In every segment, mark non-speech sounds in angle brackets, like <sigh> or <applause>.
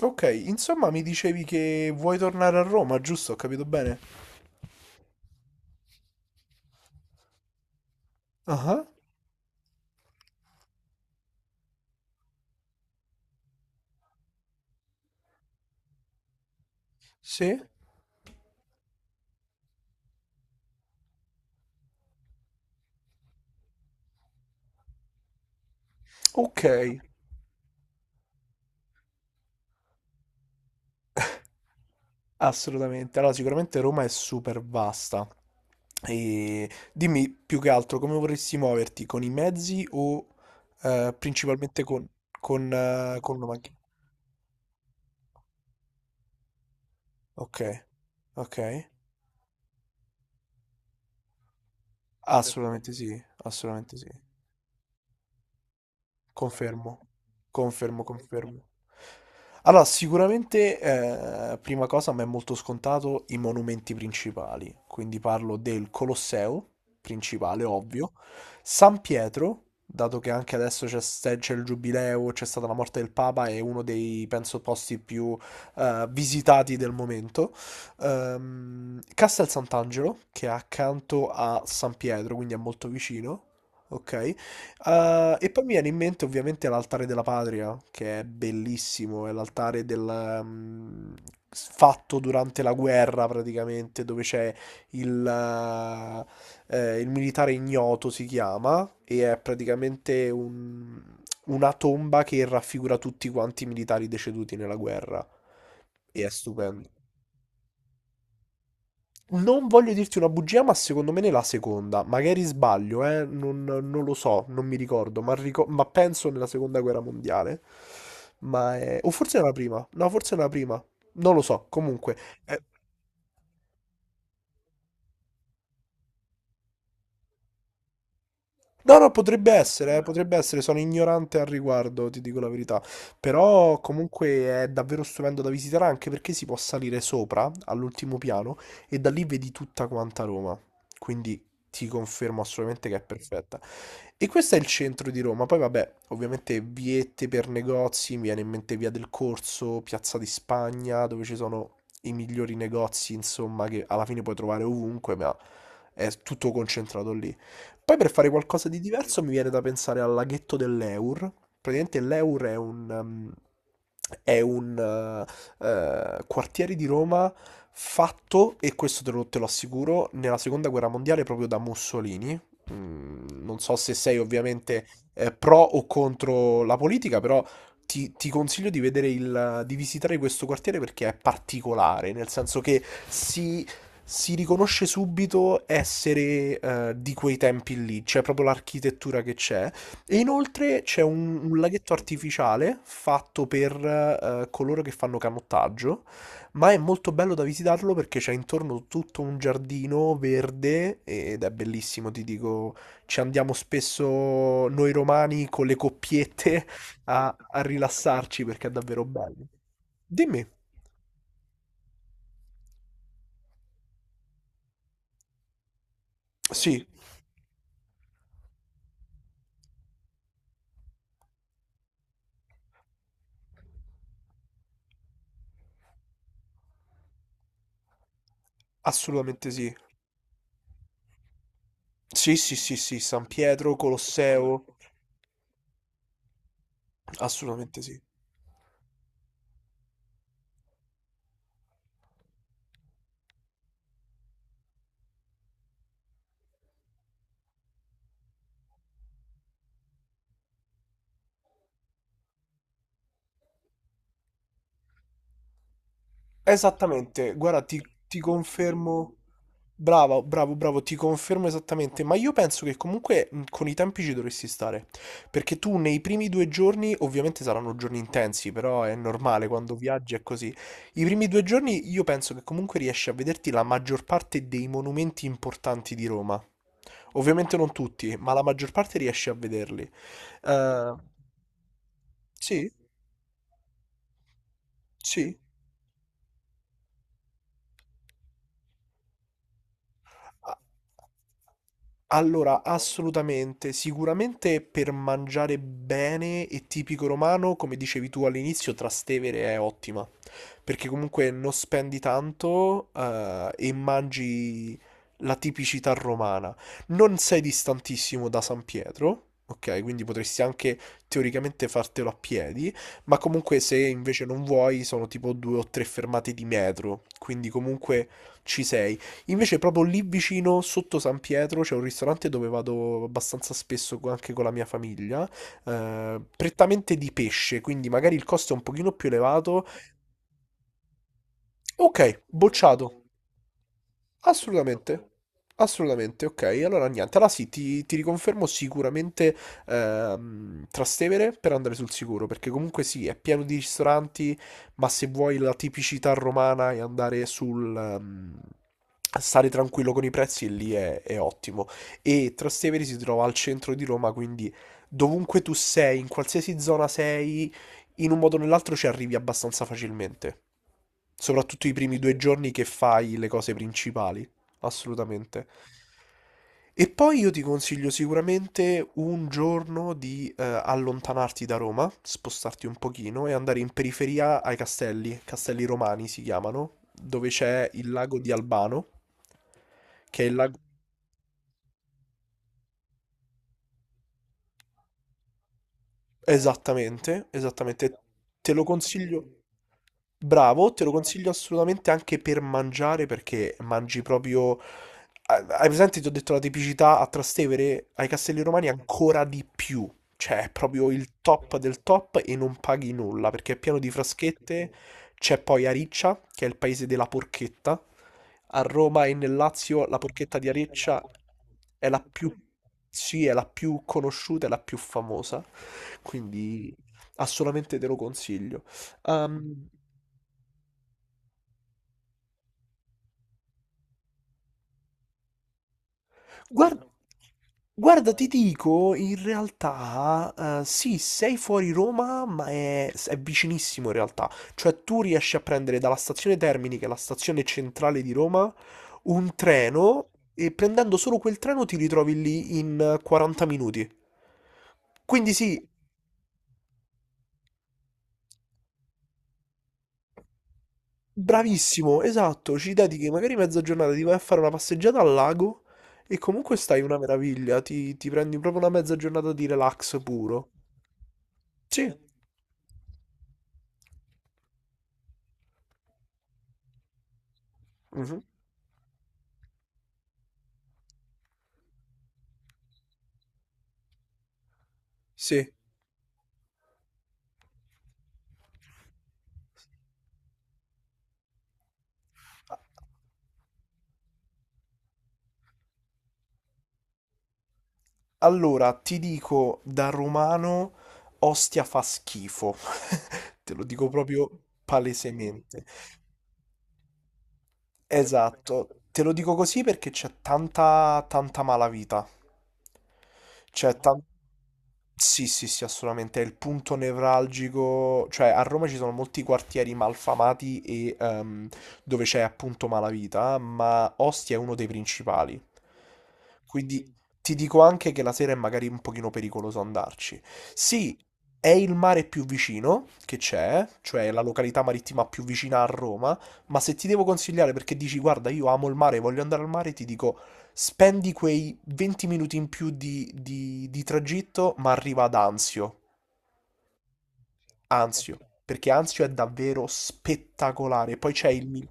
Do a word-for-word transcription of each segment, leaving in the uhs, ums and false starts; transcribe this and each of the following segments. Ok, insomma mi dicevi che vuoi tornare a Roma, giusto? Ho capito bene? Ah, sì? Ok, assolutamente. Allora, sicuramente Roma è super vasta. E dimmi più che altro come vorresti muoverti, con i mezzi o eh, principalmente con, con, eh, con una macchina? Ok, ok. Assolutamente sì, assolutamente sì. Confermo, confermo, confermo. Allora, sicuramente, eh, prima cosa, a me è molto scontato i monumenti principali, quindi parlo del Colosseo, principale, ovvio, San Pietro, dato che anche adesso c'è ste- c'è il giubileo, c'è stata la morte del Papa, è uno dei, penso, posti più eh, visitati del momento. Ehm, Castel Sant'Angelo, che è accanto a San Pietro, quindi è molto vicino, ok? Eh, e poi mi viene in mente ovviamente l'altare della patria, che è bellissimo, è l'altare del, mm, s- fatto durante la guerra praticamente, dove c'è il, eh, eh, il militare ignoto si chiama, e è praticamente un- una tomba che raffigura tutti quanti i militari deceduti nella guerra. E è stupendo. Non voglio dirti una bugia, ma secondo me ne la seconda. Magari sbaglio, eh? Non, non lo so, non mi ricordo, ma, ricor- ma penso nella seconda guerra mondiale. Ma è... O forse nella prima. No, forse nella prima. Non lo so, comunque. eh, No, no, potrebbe essere, eh, potrebbe essere, sono ignorante al riguardo, ti dico la verità. Però comunque è davvero stupendo da visitare anche perché si può salire sopra, all'ultimo piano, e da lì vedi tutta quanta Roma. Quindi ti confermo assolutamente che è perfetta. E questo è il centro di Roma. Poi vabbè, ovviamente viette per negozi, mi viene in mente Via del Corso, Piazza di Spagna, dove ci sono i migliori negozi, insomma, che alla fine puoi trovare ovunque, ma è tutto concentrato lì. Poi per fare qualcosa di diverso mi viene da pensare al laghetto dell'Eur. Praticamente l'Eur è un, ehm, è un eh, eh, quartiere di Roma fatto, e questo te lo, te lo assicuro, nella seconda guerra mondiale proprio da Mussolini. Mm, non so se sei ovviamente eh, pro o contro la politica, però ti, ti consiglio di vedere il, di visitare questo quartiere perché è particolare, nel senso che si si riconosce subito essere eh, di quei tempi lì, c'è proprio l'architettura che c'è. E inoltre c'è un, un laghetto artificiale fatto per eh, coloro che fanno canottaggio, ma è molto bello da visitarlo perché c'è intorno tutto un giardino verde ed è bellissimo, ti dico, ci andiamo spesso noi romani con le coppiette a, a rilassarci perché è davvero bello. Dimmi. Sì, assolutamente sì. Sì, sì, sì, sì, San Pietro, Colosseo, assolutamente sì. Esattamente, guarda, ti, ti confermo, bravo, bravo, bravo, ti confermo esattamente, ma io penso che comunque mh, con i tempi ci dovresti stare, perché tu nei primi due giorni, ovviamente saranno giorni intensi, però è normale quando viaggi è così, i primi due giorni io penso che comunque riesci a vederti la maggior parte dei monumenti importanti di Roma. Ovviamente non tutti, ma la maggior parte riesci a vederli. Eh, sì? Sì. A- Allora, assolutamente, sicuramente per mangiare bene e tipico romano, come dicevi tu all'inizio, Trastevere è ottima, perché comunque non spendi tanto, eh, e mangi la tipicità romana. Non sei distantissimo da San Pietro, ok? Quindi potresti anche teoricamente fartelo a piedi, ma comunque se invece non vuoi sono tipo due o tre fermate di metro, quindi comunque ci sei. Invece proprio lì vicino, sotto San Pietro, c'è un ristorante dove vado abbastanza spesso co- anche con la mia famiglia, eh, prettamente di pesce, quindi magari il costo è un pochino più elevato. Ok, bocciato. Assolutamente, assolutamente, ok. Allora niente, allora sì, ti, ti riconfermo sicuramente ehm, Trastevere per andare sul sicuro, perché comunque sì, è pieno di ristoranti, ma se vuoi la tipicità romana e andare sul... ehm, stare tranquillo con i prezzi, lì è, è ottimo. E Trastevere si trova al centro di Roma, quindi dovunque tu sei, in qualsiasi zona sei, in un modo o nell'altro ci arrivi abbastanza facilmente. Soprattutto i primi due giorni che fai le cose principali, assolutamente. E poi io ti consiglio sicuramente un giorno di eh, allontanarti da Roma, spostarti un pochino e andare in periferia ai castelli, castelli romani si chiamano, dove c'è il lago di Albano, che è il lago... Esattamente, esattamente. Te lo consiglio. Bravo, te lo consiglio assolutamente anche per mangiare perché mangi proprio... Ah, hai presente, ti ho detto, la tipicità a Trastevere, ai Castelli Romani ancora di più. Cioè, è proprio il top del top e non paghi nulla perché è pieno di fraschette. C'è poi Ariccia, che è il paese della porchetta. A Roma e nel Lazio la porchetta di Ariccia è la più, sì, è la più conosciuta e la più famosa, quindi assolutamente te lo consiglio. Ehm, Guarda, guarda, ti dico, in realtà, eh, sì, sei fuori Roma, ma è, è vicinissimo in realtà. Cioè, tu riesci a prendere dalla stazione Termini, che è la stazione centrale di Roma, un treno e prendendo solo quel treno ti ritrovi lì in eh, quaranta minuti. Quindi sì, bravissimo, esatto, ci dedichi magari mezza giornata, ti vai a fare una passeggiata al lago e comunque stai una meraviglia, ti, ti prendi proprio una mezza giornata di relax puro. Sì. Mhm. Sì. Allora, ti dico da romano, Ostia fa schifo. <laughs> Te lo dico proprio palesemente. Esatto, te lo dico così perché c'è tanta, tanta malavita. C'è tan- Sì, sì, sì, assolutamente, è il punto nevralgico, cioè a Roma ci sono molti quartieri malfamati e ehm, dove c'è appunto malavita, ma Ostia è uno dei principali. Quindi ti dico anche che la sera è magari un pochino pericoloso andarci. Sì, è il mare più vicino che c'è, cioè la località marittima più vicina a Roma, ma se ti devo consigliare perché dici guarda, io amo il mare, voglio andare al mare, ti dico spendi quei venti minuti in più di, di- di tragitto, ma arriva ad Anzio. Anzio, perché Anzio è davvero spettacolare. Poi c'è il... mi-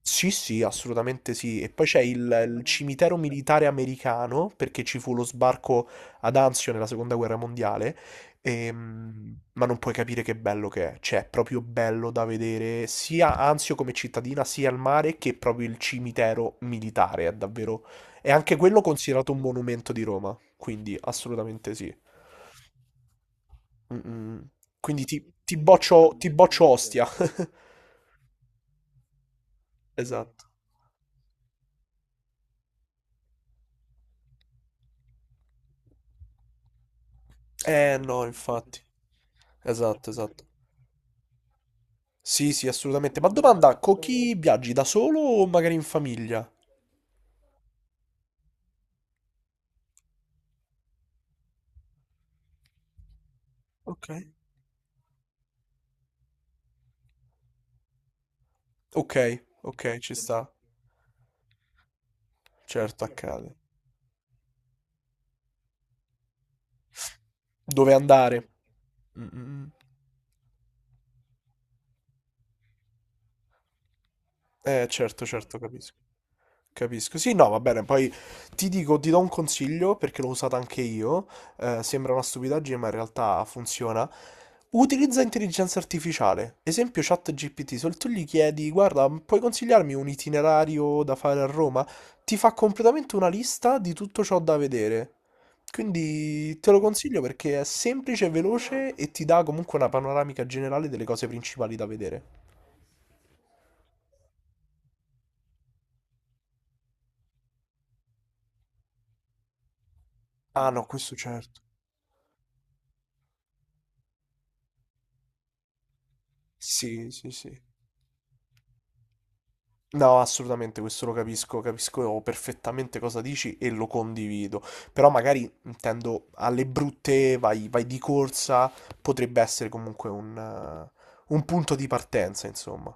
Sì, sì, assolutamente sì. E poi c'è il, il cimitero militare americano, perché ci fu lo sbarco ad Anzio nella seconda guerra mondiale. Ehm, ma non puoi capire che bello che è. Cioè, è proprio bello da vedere sia Anzio come cittadina, sia il mare, che proprio il cimitero militare. È davvero... È anche quello considerato un monumento di Roma. Quindi, assolutamente sì. Mm-mm. Quindi ti, ti boccio, ti boccio Ostia. <laughs> Esatto. Eh no, infatti. Esatto, esatto. Sì, sì, assolutamente. Ma domanda, con chi viaggi? Da solo o magari in famiglia? Ok. Ok, ok, ci sta. Certo, accade. Dove andare? Mm, mm, mm. Eh, certo, certo, capisco. Capisco. Sì, no, va bene. Poi ti dico, ti do un consiglio perché l'ho usata anche io. Eh, sembra una stupidaggine, ma in realtà funziona. Utilizza intelligenza artificiale. Esempio ChatGPT. Se tu gli chiedi, guarda, puoi consigliarmi un itinerario da fare a Roma? Ti fa completamente una lista di tutto ciò da vedere. Quindi te lo consiglio perché è semplice, veloce e ti dà comunque una panoramica generale delle cose principali da vedere. Ah no, questo certo. Sì, sì, sì. No, assolutamente, questo lo capisco, capisco perfettamente cosa dici e lo condivido. Però magari intendo alle brutte, vai, vai di corsa, potrebbe essere comunque un, eh, un punto di partenza, insomma.